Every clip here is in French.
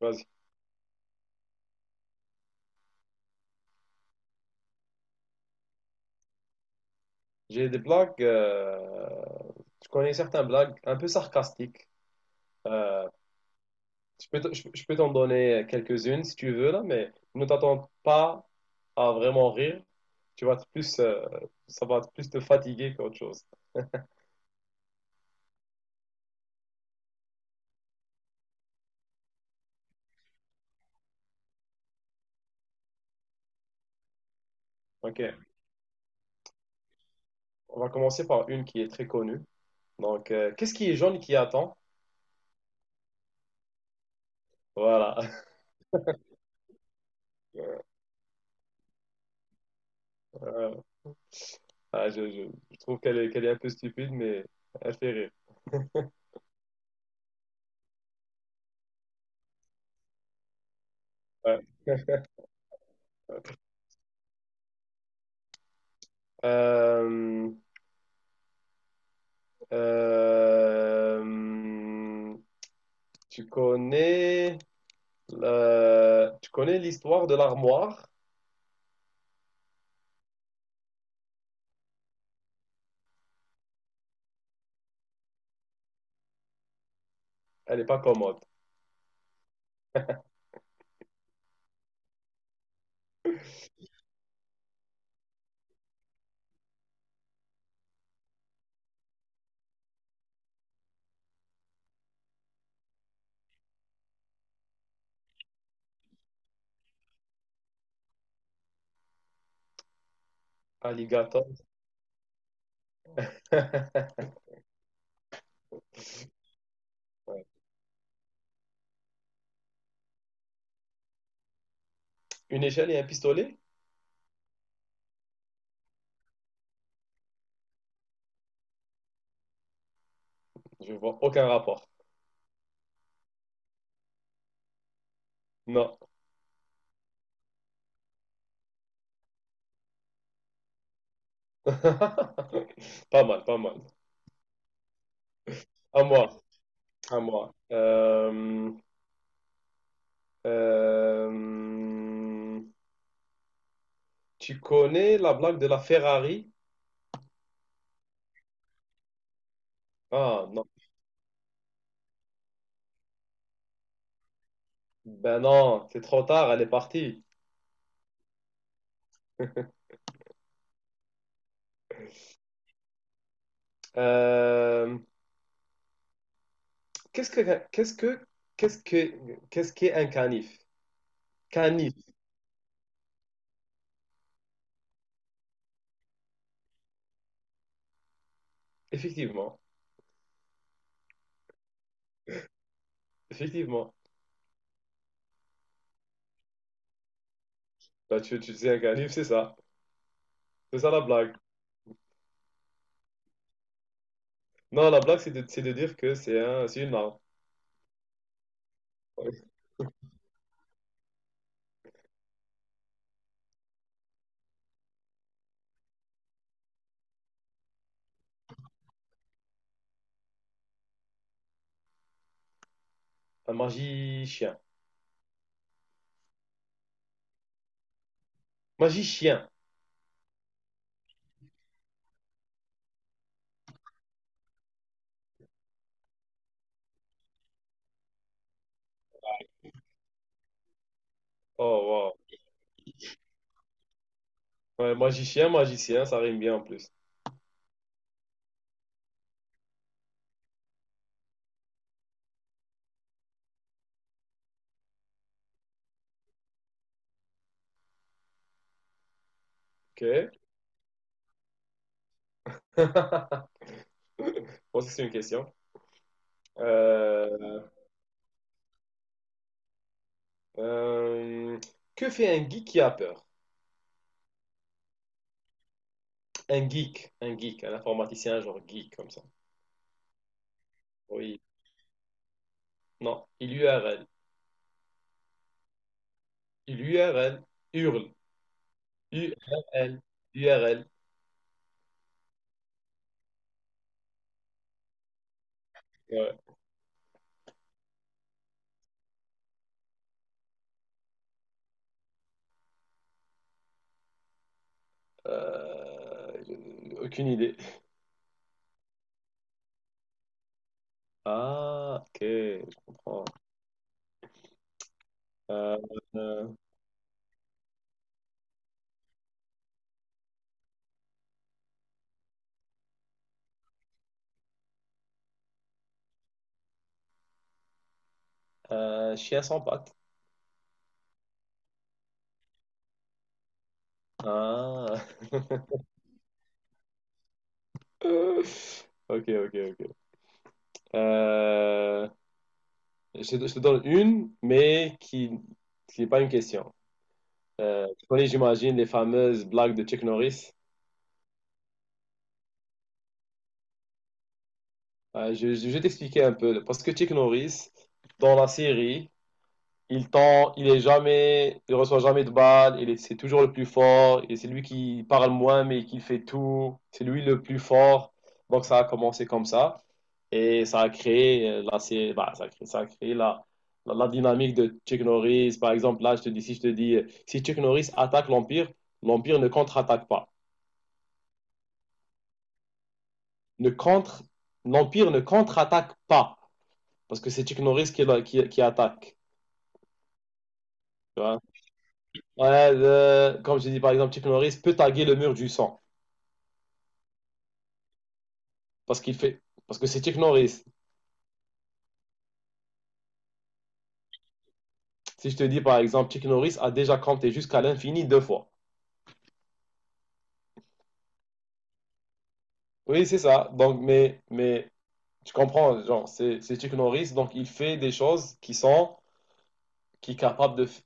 Vas-y. J'ai des blagues. Je connais certains blagues un peu sarcastiques. Euh, je peux, je peux t'en donner quelques-unes si tu veux, là, mais ne t'attends pas à vraiment rire. Tu vas te plus, ça va te plus te fatiguer qu'autre chose. Ok. On va commencer par une qui est très connue. Donc, qu'est-ce qui est jaune et qui attend? Voilà. Euh, je trouve qu'elle est un peu stupide, mais elle fait rire. Ouais. Euh, Euh, tu connais tu connais l'histoire de l'armoire? Elle n'est pas commode. Alligator. Ouais. Une échelle et un pistolet? Je vois aucun rapport. Non. Pas mal, pas mal. À moi, à moi. Euh, tu connais la blague de la Ferrari? Ah non. Ben non, c'est trop tard, elle est partie. Euh, Qu'est-ce que qu'est-ce que qu'est-ce que qu'est-ce qu'est un canif? Canif, effectivement, effectivement. Bah tu sais un canif, c'est ça. C'est ça la blague. Non, la blague c'est de dire que c'est un c'est une arme. Ouais. Un magicien. Magicien. Oh wow. Ouais, magicien, magicien, ça rime bien en plus. OK. Bon, ça, c'est une question. Euh, euh, que fait un geek qui a peur? Un geek, un geek, un informaticien genre geek comme ça. Oui. Non, il lui a L'URL, URL, URL, URL. Ouais. J'ai aucune idée. Ah, ok, je comprends. Euh, euh, chien sans pattes. Ah. Ok, ok, ok. Euh, te je te donne une, mais qui n'est pas une question. Tu connais, j'imagine, les fameuses blagues de Chuck Norris. Je vais t'expliquer un peu. Parce que Chuck Norris, dans la série, il tend, il est jamais, il reçoit jamais de balles, c'est toujours le plus fort, et c'est lui qui parle moins, mais qui fait tout, c'est lui le plus fort. Donc ça a commencé comme ça, et ça a créé, bah, ça a créé la dynamique de Chuck Norris. Par exemple, là, je te dis, si je te dis, si Chuck Norris attaque l'Empire, l'Empire ne contre-attaque pas. Ne contre, l'Empire ne contre-attaque pas, parce que c'est Chuck Norris qui attaque. Tu vois. Ouais, comme je dis par exemple, Chuck Norris peut taguer le mur du sang. Parce qu'il fait. Parce que c'est Chuck Norris. Si je te dis par exemple, Chuck Norris a déjà compté jusqu'à l'infini deux fois. Oui, c'est ça. Donc, mais tu comprends, genre, c'est Chuck Norris, donc il fait des choses qui sont, qui est capable de,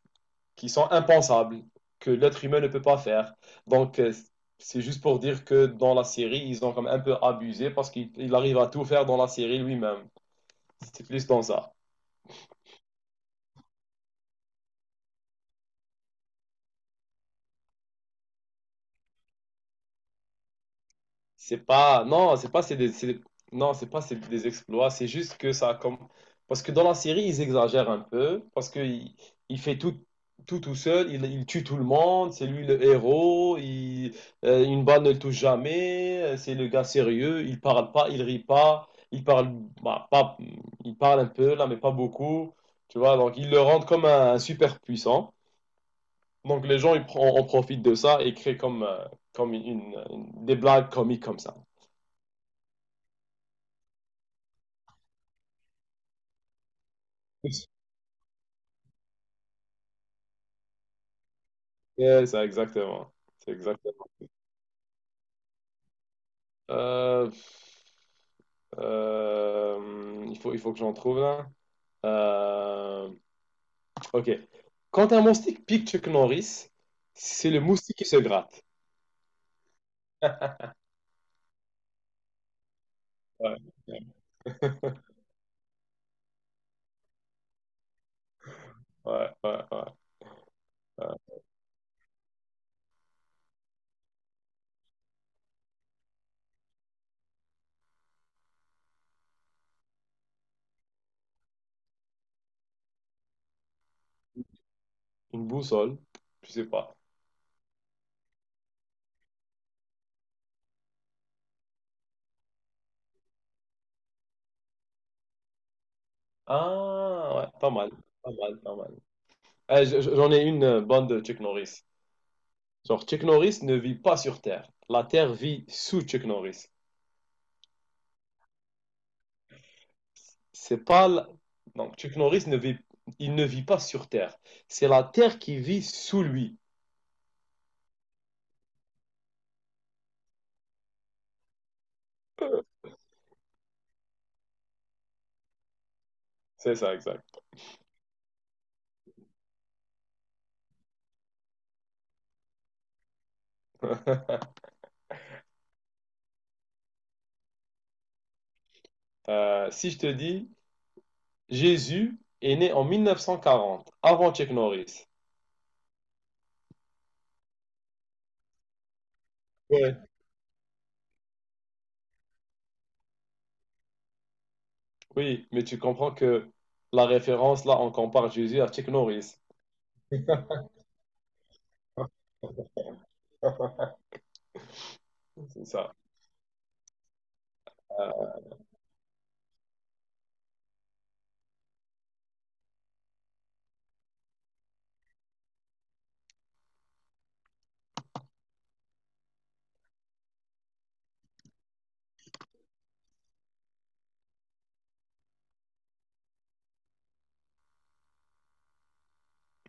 qui sont impensables, que l'être humain ne peut pas faire. Donc, c'est juste pour dire que dans la série, ils ont comme un peu abusé parce qu'il arrive à tout faire dans la série lui-même. C'est plus dans ça. C'est pas, non, c'est pas, c'est des exploits. C'est juste que ça, a comme, parce que dans la série, ils exagèrent un peu, parce que il fait tout, tout tout seul, il tue tout le monde, c'est lui le héros, une balle ne le touche jamais, c'est le gars sérieux, il parle pas, il rit pas, bah, pas, il parle un peu là, mais pas beaucoup, tu vois. Donc ils le rendent comme un super puissant. Donc les gens, en profitent de ça et créent comme, comme des blagues comiques comme ça. Yeah, ça, exactement. C'est exactement. Euh, il faut que j'en trouve là. Euh, ok. Quand un moustique pique Chuck Norris, c'est le moustique qui se gratte. Ouais, ouais, ouais, ouais, ouais. Une boussole, je sais pas. Ah, ouais, pas mal, pas mal, pas mal. Eh, j'en ai une bonne de Chuck Norris. Genre, Chuck Norris ne vit pas sur Terre. La Terre vit sous Chuck Norris. C'est pas la- donc Chuck Norris ne vit il ne vit pas sur Terre. C'est la Terre qui vit sous lui. C'est ça, exact. Si je te dis Jésus est né en 1940, avant Chuck Norris. Ouais. Oui, mais tu comprends que la référence là, on compare Jésus à Chuck Norris. C'est ça. Ah,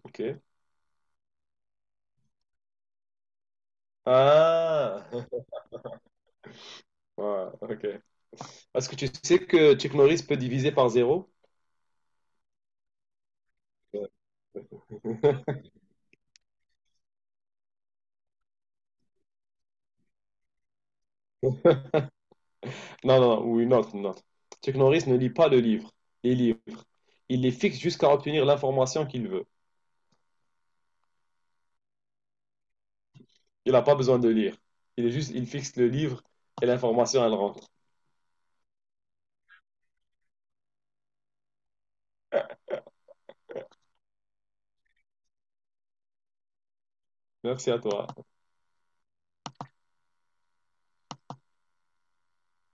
ok. Ah. Ouais, ok. Ce que tu sais que Chuck Norris peut diviser par zéro? Non, non, non, ou une autre, une autre. Chuck Norris ne lit pas le livre, les livres. Il les fixe jusqu'à obtenir l'information qu'il veut. Il n'a pas besoin de lire. Il est juste, il fixe le livre et l'information, elle rentre. Merci à toi.